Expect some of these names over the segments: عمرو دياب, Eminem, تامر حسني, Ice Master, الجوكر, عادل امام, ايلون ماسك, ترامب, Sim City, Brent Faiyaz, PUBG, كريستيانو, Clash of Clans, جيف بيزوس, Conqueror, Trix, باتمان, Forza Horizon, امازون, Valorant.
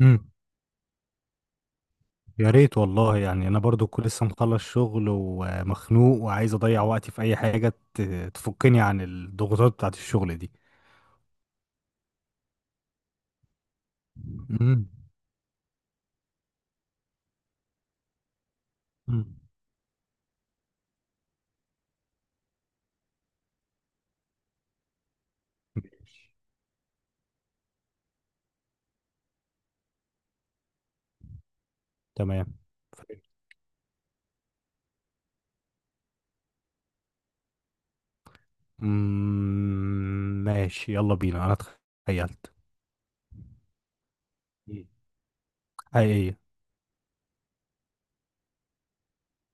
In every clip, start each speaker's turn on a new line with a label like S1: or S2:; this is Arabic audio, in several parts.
S1: امم يا ريت والله، يعني انا برضو كنت لسه مخلص شغل ومخنوق وعايز اضيع وقتي في اي حاجه تفكني عن الضغوطات بتاعت الشغل دي. امم امم ماشي. تمام. ماشي، يلا بينا، انا تخيلت. مم. حقيقيه.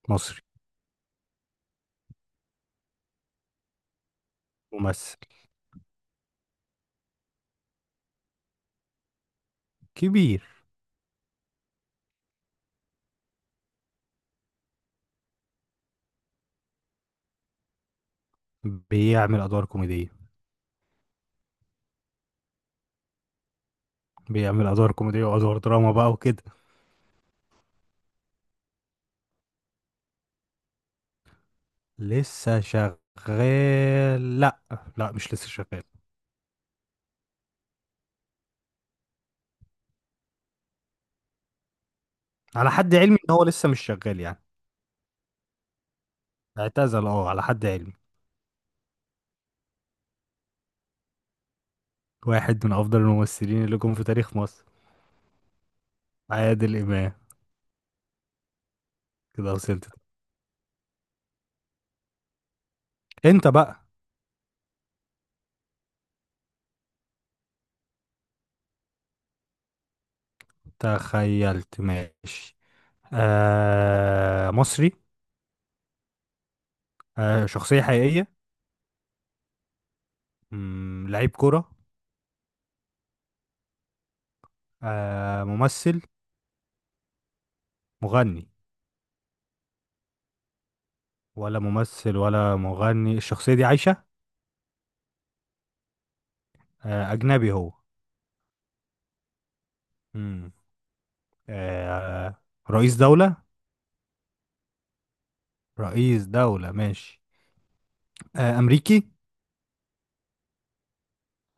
S1: مصري. ممثل كبير. بيعمل ادوار كوميديه. بيعمل ادوار كوميديه وادوار دراما بقى وكده. لسه شغال، لا. لا، مش لسه شغال. على حد علمي ان هو لسه مش شغال يعني. اعتزل، اه، على حد علمي. واحد من افضل الممثلين اللي جم في تاريخ مصر. عادل امام. كده وصلت. انت بقى. تخيلت ماشي. مصري. شخصية حقيقية. لعيب كرة. ممثل. مغني. ولا ممثل ولا مغني، الشخصية دي عايشة. أجنبي هو. مم. آه رئيس دولة. رئيس دولة ماشي. أمريكي.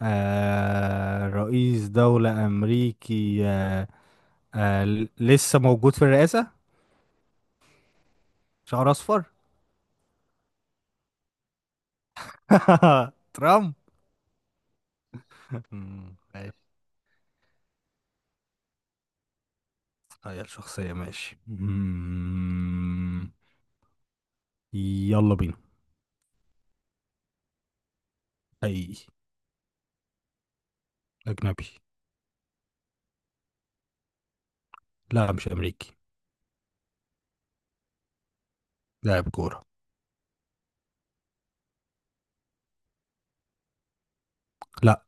S1: رئيس دولة أمريكي. لسه موجود في الرئاسة. شعر أصفر. ترامب. ماشي. تغير شخصية ماشي. يلا بينا. أي. أجنبي. لا، مش أمريكي. لاعب كورة. لا،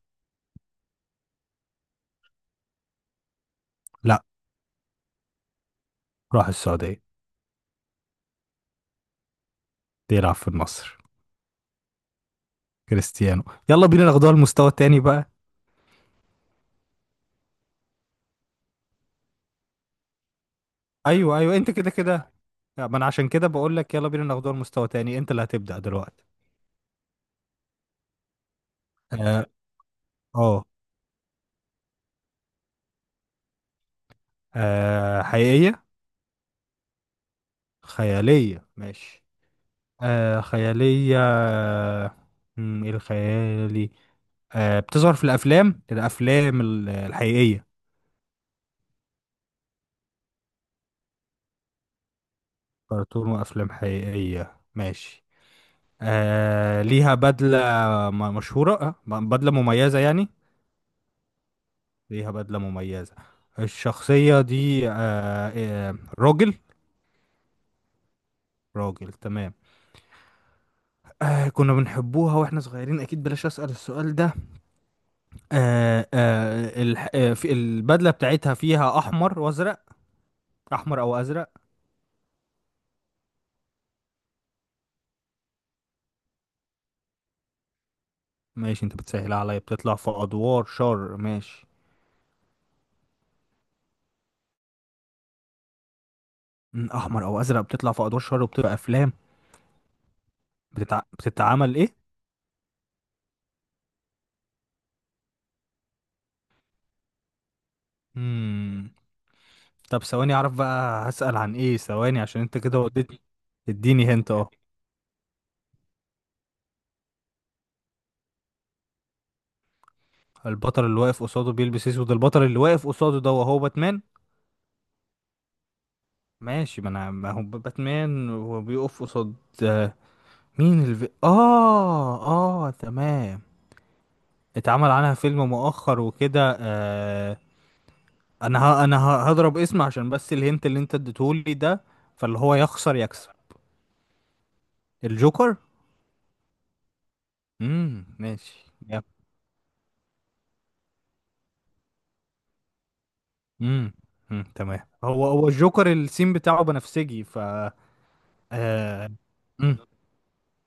S1: لا، راح السعودية. بيلعب في النصر. كريستيانو. يلا بينا ناخدوها المستوى التاني بقى. أيوه، أيوه، أنت كده كده. لا، ما أنا عشان كده بقول لك يلا بينا ناخدوها المستوى التاني، أنت اللي هتبدأ دلوقتي. اه. آه، حقيقية. خيالية ماشي. خيالية. إيه الخيالي. بتظهر في الأفلام، الحقيقية. كرتون وأفلام حقيقية ماشي. ليها بدلة. مشهورة، بدلة مميزة يعني. ليها بدلة مميزة. الشخصية دي راجل. راجل تمام. كنا بنحبوها واحنا صغيرين، أكيد بلاش أسأل السؤال ده. آه آه الح... آه في البدله بتاعتها فيها احمر وازرق. احمر او ازرق. ماشي، انت بتسهل عليا، بتطلع في ادوار شر ماشي. احمر او ازرق، بتطلع في ادوار شر وبتبقى افلام. بتتعمل ايه. مم. طب ثواني اعرف بقى هسأل عن ايه، ثواني عشان انت كده وديتني. اديني هنت، البطل اللي واقف قصاده بيلبس اسود. البطل اللي واقف قصاده ده وهو باتمان. ماشي، ما انا ما هو باتمان وبيقف قصاد. آه، مين الف... اه تمام. اتعمل عنها فيلم مؤخر وكده. هضرب اسم عشان بس الهنت اللي انت اديتهولي ده، فاللي هو يخسر يكسب. الجوكر. ماشي يب. امم أمم، تمام هو هو الجوكر، السين بتاعه بنفسجي ف آه... أمم،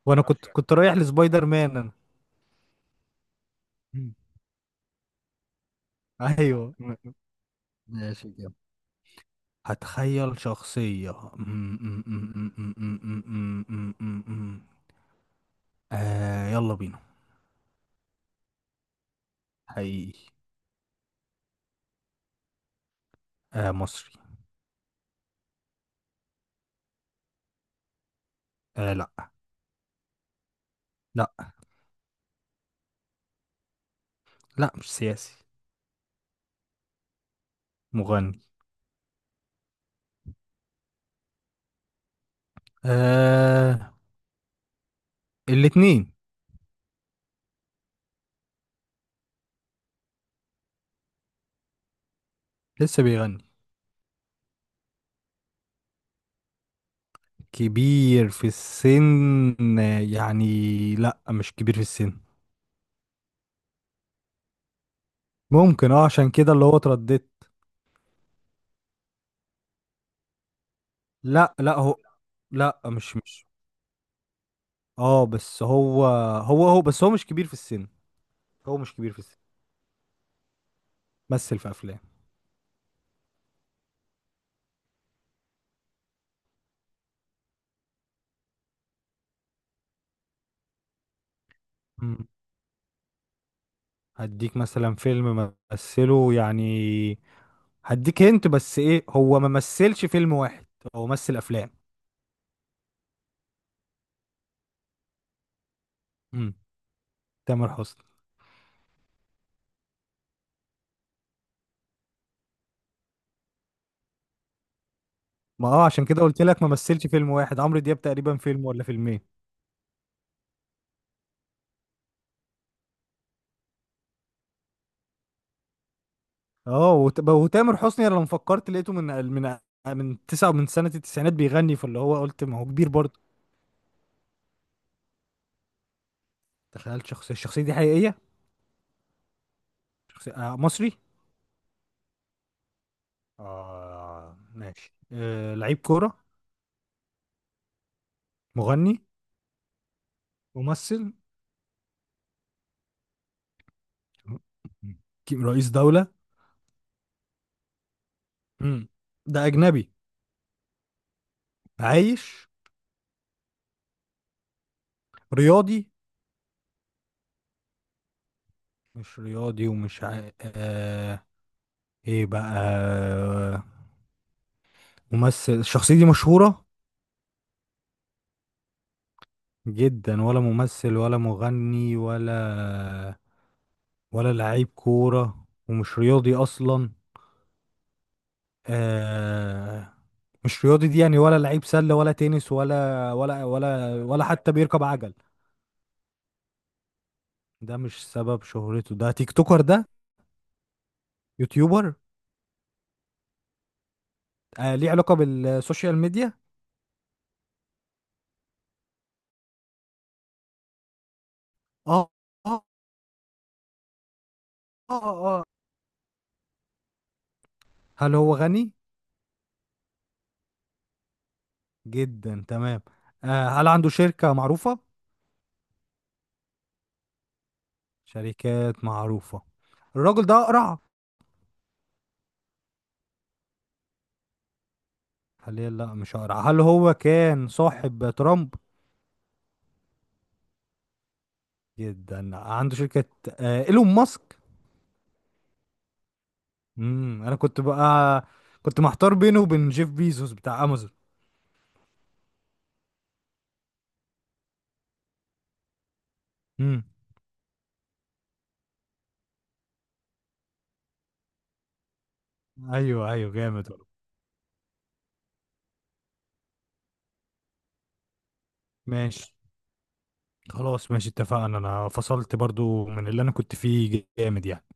S1: وانا كنت رايح لسبايدر مان انا. أمم، ايوه. ماشي كده. هتخيل شخصية. أمم، أمم، أمم، أمم، أمم، أمم، أمم، أمم، أمم. يلا بينا. حقيقي. مصري. لا. لا، لا، مش سياسي. مغني. آه الاتنين. لسه بيغني. كبير في السن، يعني. لا، مش كبير في السن. ممكن، عشان كده اللي هو اترددت. لا، لا هو. لا، مش. اه، بس هو مش كبير في السن. هو مش كبير في السن. مثل في افلام. مم. هديك مثلا فيلم مثله يعني. هديك هنت بس ايه، هو ما مثلش فيلم واحد. هو مثل افلام. مم. تامر حسني. ما عشان كده قلت لك ما مثلش فيلم واحد، عمرو دياب تقريبا فيلم ولا فيلمين. وتامر حسني، انا لما فكرت لقيته من من سنة التسعينات بيغني، فاللي هو قلت ما هو كبير برضه. تخيل شخصية، الشخصية دي حقيقية. شخصية. مصري. اه ماشي. لعيب كورة. مغني. ممثل. رئيس دولة. مم. ده أجنبي. عايش. رياضي. مش رياضي ومش ايه بقى. ممثل، الشخصية دي مشهورة. جدا، ولا ممثل ولا مغني ولا، ولا لعيب كورة ومش رياضي أصلا. آه مش رياضي دي يعني، ولا لعيب سلة ولا تنس ولا حتى بيركب عجل. ده مش سبب شهرته، ده تيك توكر ده. يوتيوبر. ليه علاقة بالسوشيال ميديا. اه، اه، اه، اه. هل هو غني؟ جدا تمام. هل عنده شركة معروفة؟ شركات معروفة. الراجل ده أقرع. حاليا لا، مش هقرا، هل هو كان صاحب ترامب. جدا، عنده شركة. ايلون ماسك. انا كنت بقى كنت محتار بينه وبين جيف بيزوس بتاع امازون. امم ايوه، ايوه، جامد والله. ماشي. خلاص ماشي، اتفقنا، انا فصلت برضو من اللي انا كنت فيه جامد يعني.